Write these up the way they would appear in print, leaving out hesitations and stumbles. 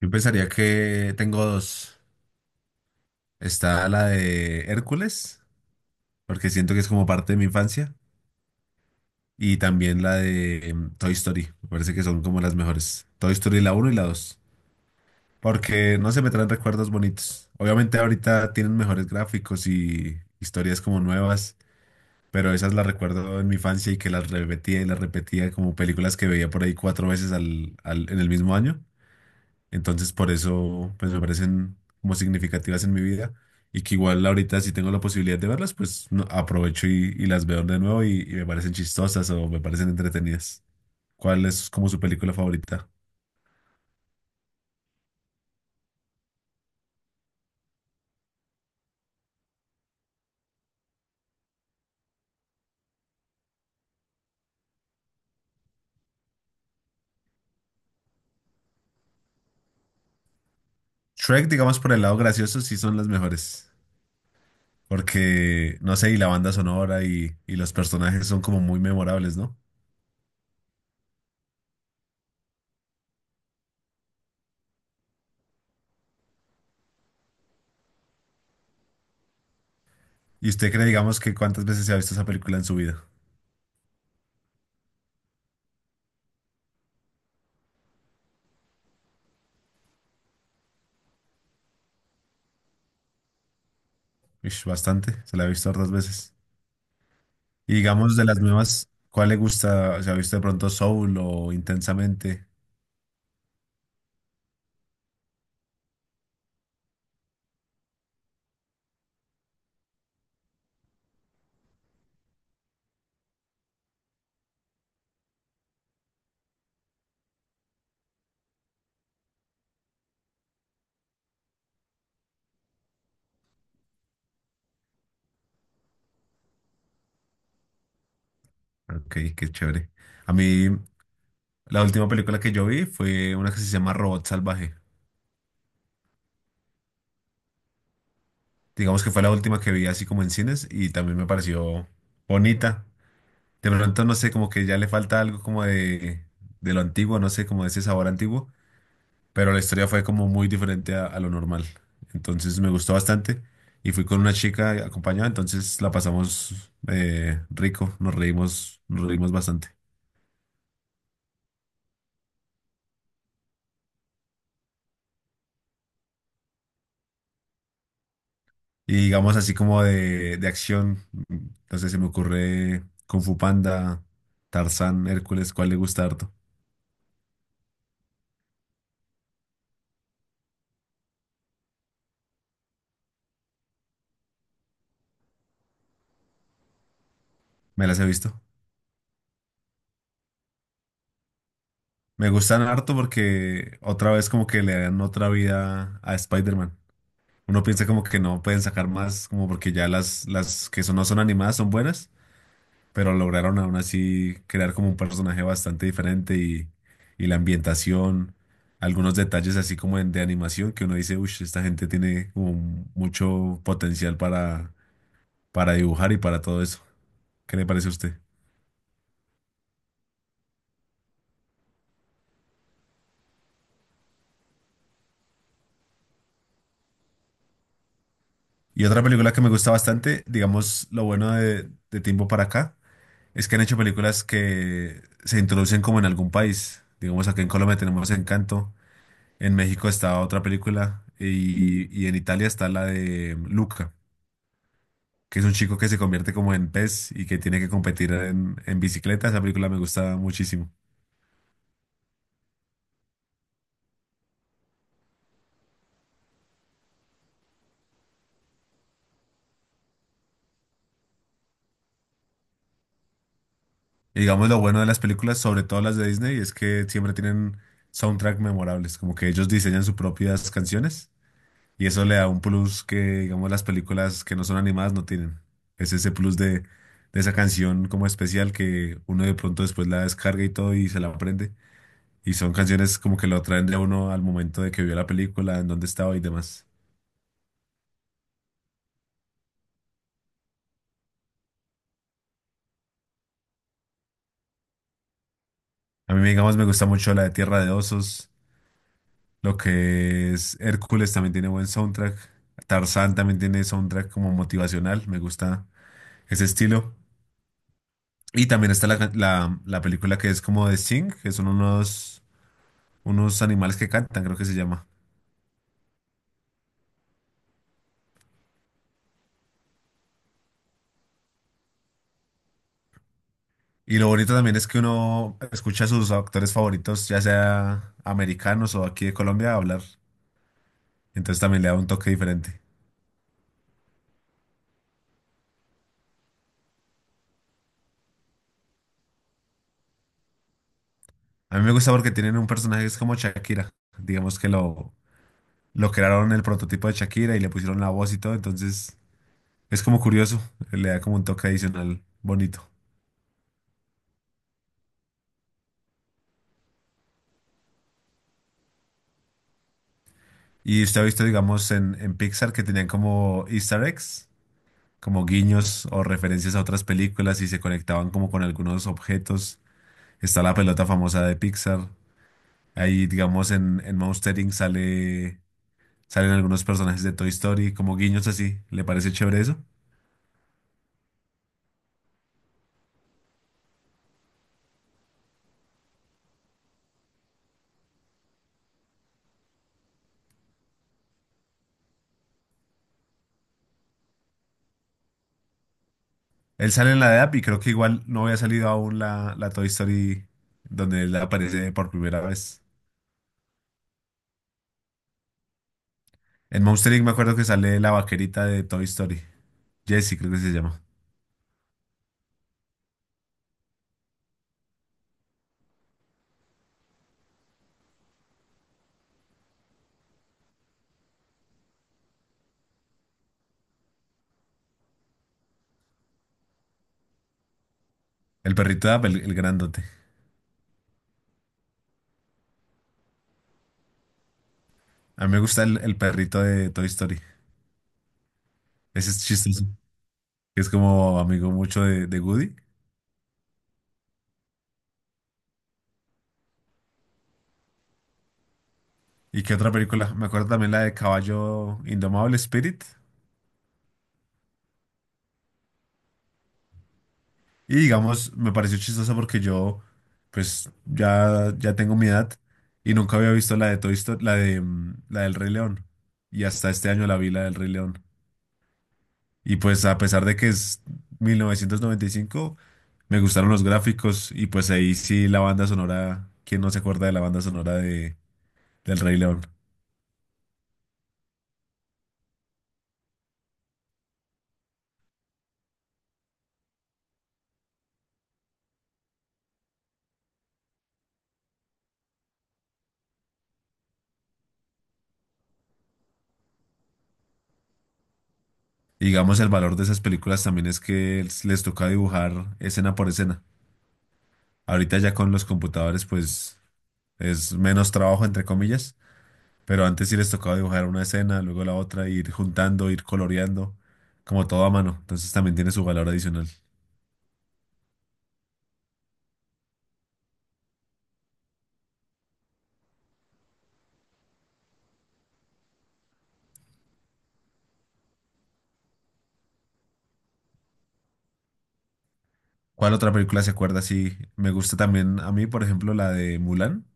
Yo pensaría que tengo dos. Está la de Hércules, porque siento que es como parte de mi infancia, y también la de Toy Story. Me parece que son como las mejores. Toy Story la uno y la dos. Porque no se me traen recuerdos bonitos. Obviamente ahorita tienen mejores gráficos y historias como nuevas, pero esas las recuerdo en mi infancia y que las repetía y las repetía como películas que veía por ahí cuatro veces en el mismo año. Entonces, por eso, pues me parecen como significativas en mi vida y que igual ahorita si tengo la posibilidad de verlas, aprovecho y las veo de nuevo y me parecen chistosas o me parecen entretenidas. ¿Cuál es como su película favorita? Shrek, digamos, por el lado gracioso, sí son las mejores. Porque, no sé, y la banda sonora y los personajes son como muy memorables, ¿no? ¿Y usted cree, digamos, que cuántas veces se ha visto esa película en su vida? Ish, bastante, se la he visto otras veces. Y digamos de las nuevas, ¿cuál le gusta? ¿Se ha visto de pronto Soul o Intensamente? Ok, qué chévere. A mí, la última película que yo vi fue una que se llama Robot Salvaje. Digamos que fue la última que vi así como en cines y también me pareció bonita. De pronto, no sé, como que ya le falta algo como de lo antiguo, no sé, como de ese sabor antiguo, pero la historia fue como muy diferente a lo normal. Entonces me gustó bastante y fui con una chica acompañada, entonces la pasamos rico, nos reímos bastante. Y digamos así como de acción, no sé, se me ocurre Kung Fu Panda, Tarzán, Hércules, ¿cuál le gusta harto? Me las he visto. Me gustan harto porque otra vez como que le dan otra vida a Spider-Man. Uno piensa como que no pueden sacar más, como porque ya las que son, no son animadas son buenas, pero lograron aún así crear como un personaje bastante diferente y la ambientación, algunos detalles así como de animación que uno dice, uy, esta gente tiene como mucho potencial para dibujar y para todo eso. ¿Qué le parece a usted? Y otra película que me gusta bastante, digamos, lo bueno de tiempo para acá, es que han hecho películas que se introducen como en algún país. Digamos, aquí en Colombia tenemos Encanto, en México está otra película y en Italia está la de Luca, que es un chico que se convierte como en pez y que tiene que competir en bicicleta. Esa película me gusta muchísimo. Y digamos lo bueno de las películas, sobre todo las de Disney, es que siempre tienen soundtrack memorables, como que ellos diseñan sus propias canciones y eso le da un plus que, digamos, las películas que no son animadas no tienen. Es ese plus de esa canción como especial que uno de pronto después la descarga y todo y se la aprende. Y son canciones como que lo traen de uno al momento de que vio la película, en dónde estaba y demás. A mí, digamos, me gusta mucho la de Tierra de Osos. Lo que es Hércules también tiene buen soundtrack. Tarzán también tiene soundtrack como motivacional. Me gusta ese estilo. Y también está la película que es como de Sing, que son unos, unos animales que cantan, creo que se llama. Y lo bonito también es que uno escucha a sus actores favoritos, ya sea americanos o aquí de Colombia, hablar. Entonces también le da un toque diferente. A mí me gusta porque tienen un personaje que es como Shakira. Digamos que lo crearon el prototipo de Shakira y le pusieron la voz y todo, entonces es como curioso, le da como un toque adicional bonito. Y usted ha visto, digamos, en Pixar que tenían como Easter eggs, como guiños o referencias a otras películas y se conectaban como con algunos objetos. Está la pelota famosa de Pixar. Ahí, digamos, en Monster Inc. Salen algunos personajes de Toy Story, como guiños así. ¿Le parece chévere eso? Él sale en la de App y creo que igual no había salido aún la Toy Story donde él aparece por primera vez. En Monster Inc. me acuerdo que sale la vaquerita de Toy Story. Jesse creo que se llama. El perrito de App, el grandote. A mí me gusta el perrito de Toy Story. Ese es chistoso. Es como amigo mucho de Woody. ¿Y qué otra película? Me acuerdo también la de Caballo Indomable Spirit. Y digamos, me pareció chistoso porque yo, pues, ya tengo mi edad y nunca había visto la de Toy Story, la del Rey León. Y hasta este año la vi, la del Rey León. Y pues, a pesar de que es 1995, me gustaron los gráficos y pues ahí sí la banda sonora, ¿quién no se acuerda de la banda sonora del Rey León? Y digamos, el valor de esas películas también es que les toca dibujar escena por escena. Ahorita ya con los computadores, pues, es menos trabajo, entre comillas. Pero antes sí les tocaba dibujar una escena, luego la otra, ir juntando, ir coloreando, como todo a mano. Entonces también tiene su valor adicional. ¿Cuál otra película se acuerda? Sí, me gusta también a mí, por ejemplo, la de Mulan,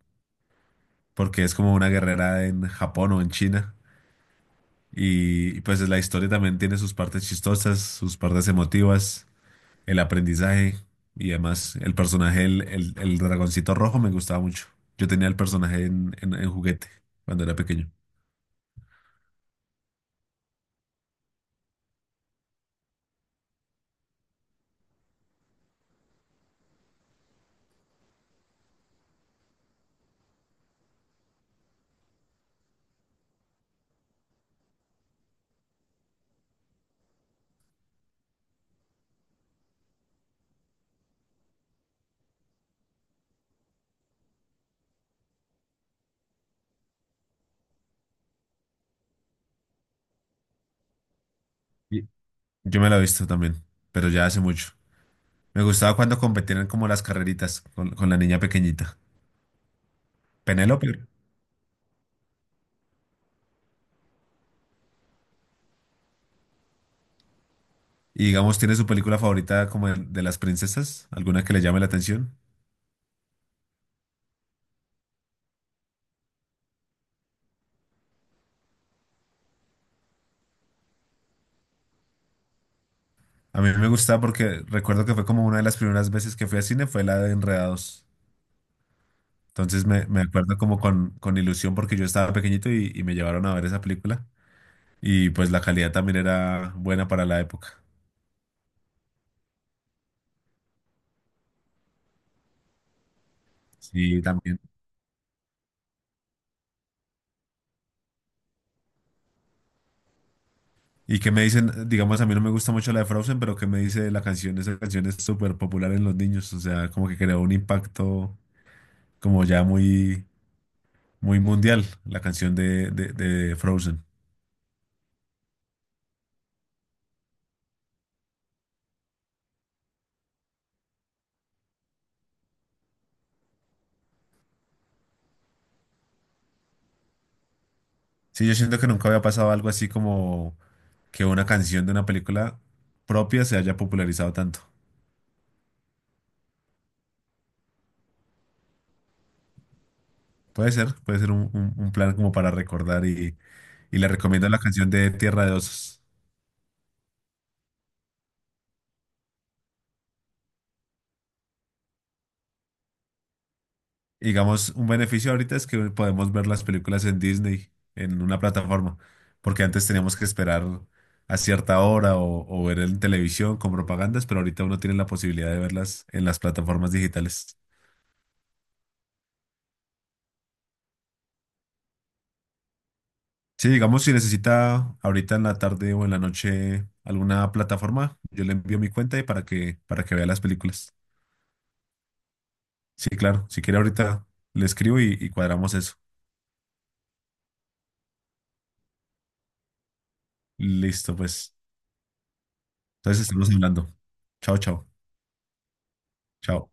porque es como una guerrera en Japón o en China. Pues la historia también tiene sus partes chistosas, sus partes emotivas, el aprendizaje y además el personaje, el dragoncito rojo me gustaba mucho. Yo tenía el personaje en juguete cuando era pequeño. Y- Yo me la he visto también, pero ya hace mucho. Me gustaba cuando competían como las carreritas con la niña pequeñita. Penélope. Y digamos, ¿tiene su película favorita como de las princesas? ¿Alguna que le llame la atención? A mí me gustaba porque recuerdo que fue como una de las primeras veces que fui al cine, fue la de Enredados. Entonces me acuerdo como con ilusión porque yo estaba pequeñito y me llevaron a ver esa película. Y pues la calidad también era buena para la época. Sí, también. Y que me dicen, digamos, a mí no me gusta mucho la de Frozen, pero que me dice la canción, esa canción es súper popular en los niños, o sea, como que creó un impacto como ya muy mundial, la canción de Frozen. Sí, yo siento que nunca había pasado algo así como que una canción de una película propia se haya popularizado tanto. Puede ser un plan como para recordar y le recomiendo la canción de Tierra de Osos. Y digamos, un beneficio ahorita es que podemos ver las películas en Disney, en una plataforma, porque antes teníamos que esperar a cierta hora o ver en televisión con propagandas, pero ahorita uno tiene la posibilidad de verlas en las plataformas digitales. Sí, digamos, si necesita ahorita en la tarde o en la noche alguna plataforma, yo le envío mi cuenta y para que vea las películas. Sí, claro, si quiere ahorita le escribo y cuadramos eso. Listo, pues. Entonces estamos hablando. Chao, chao. Chao.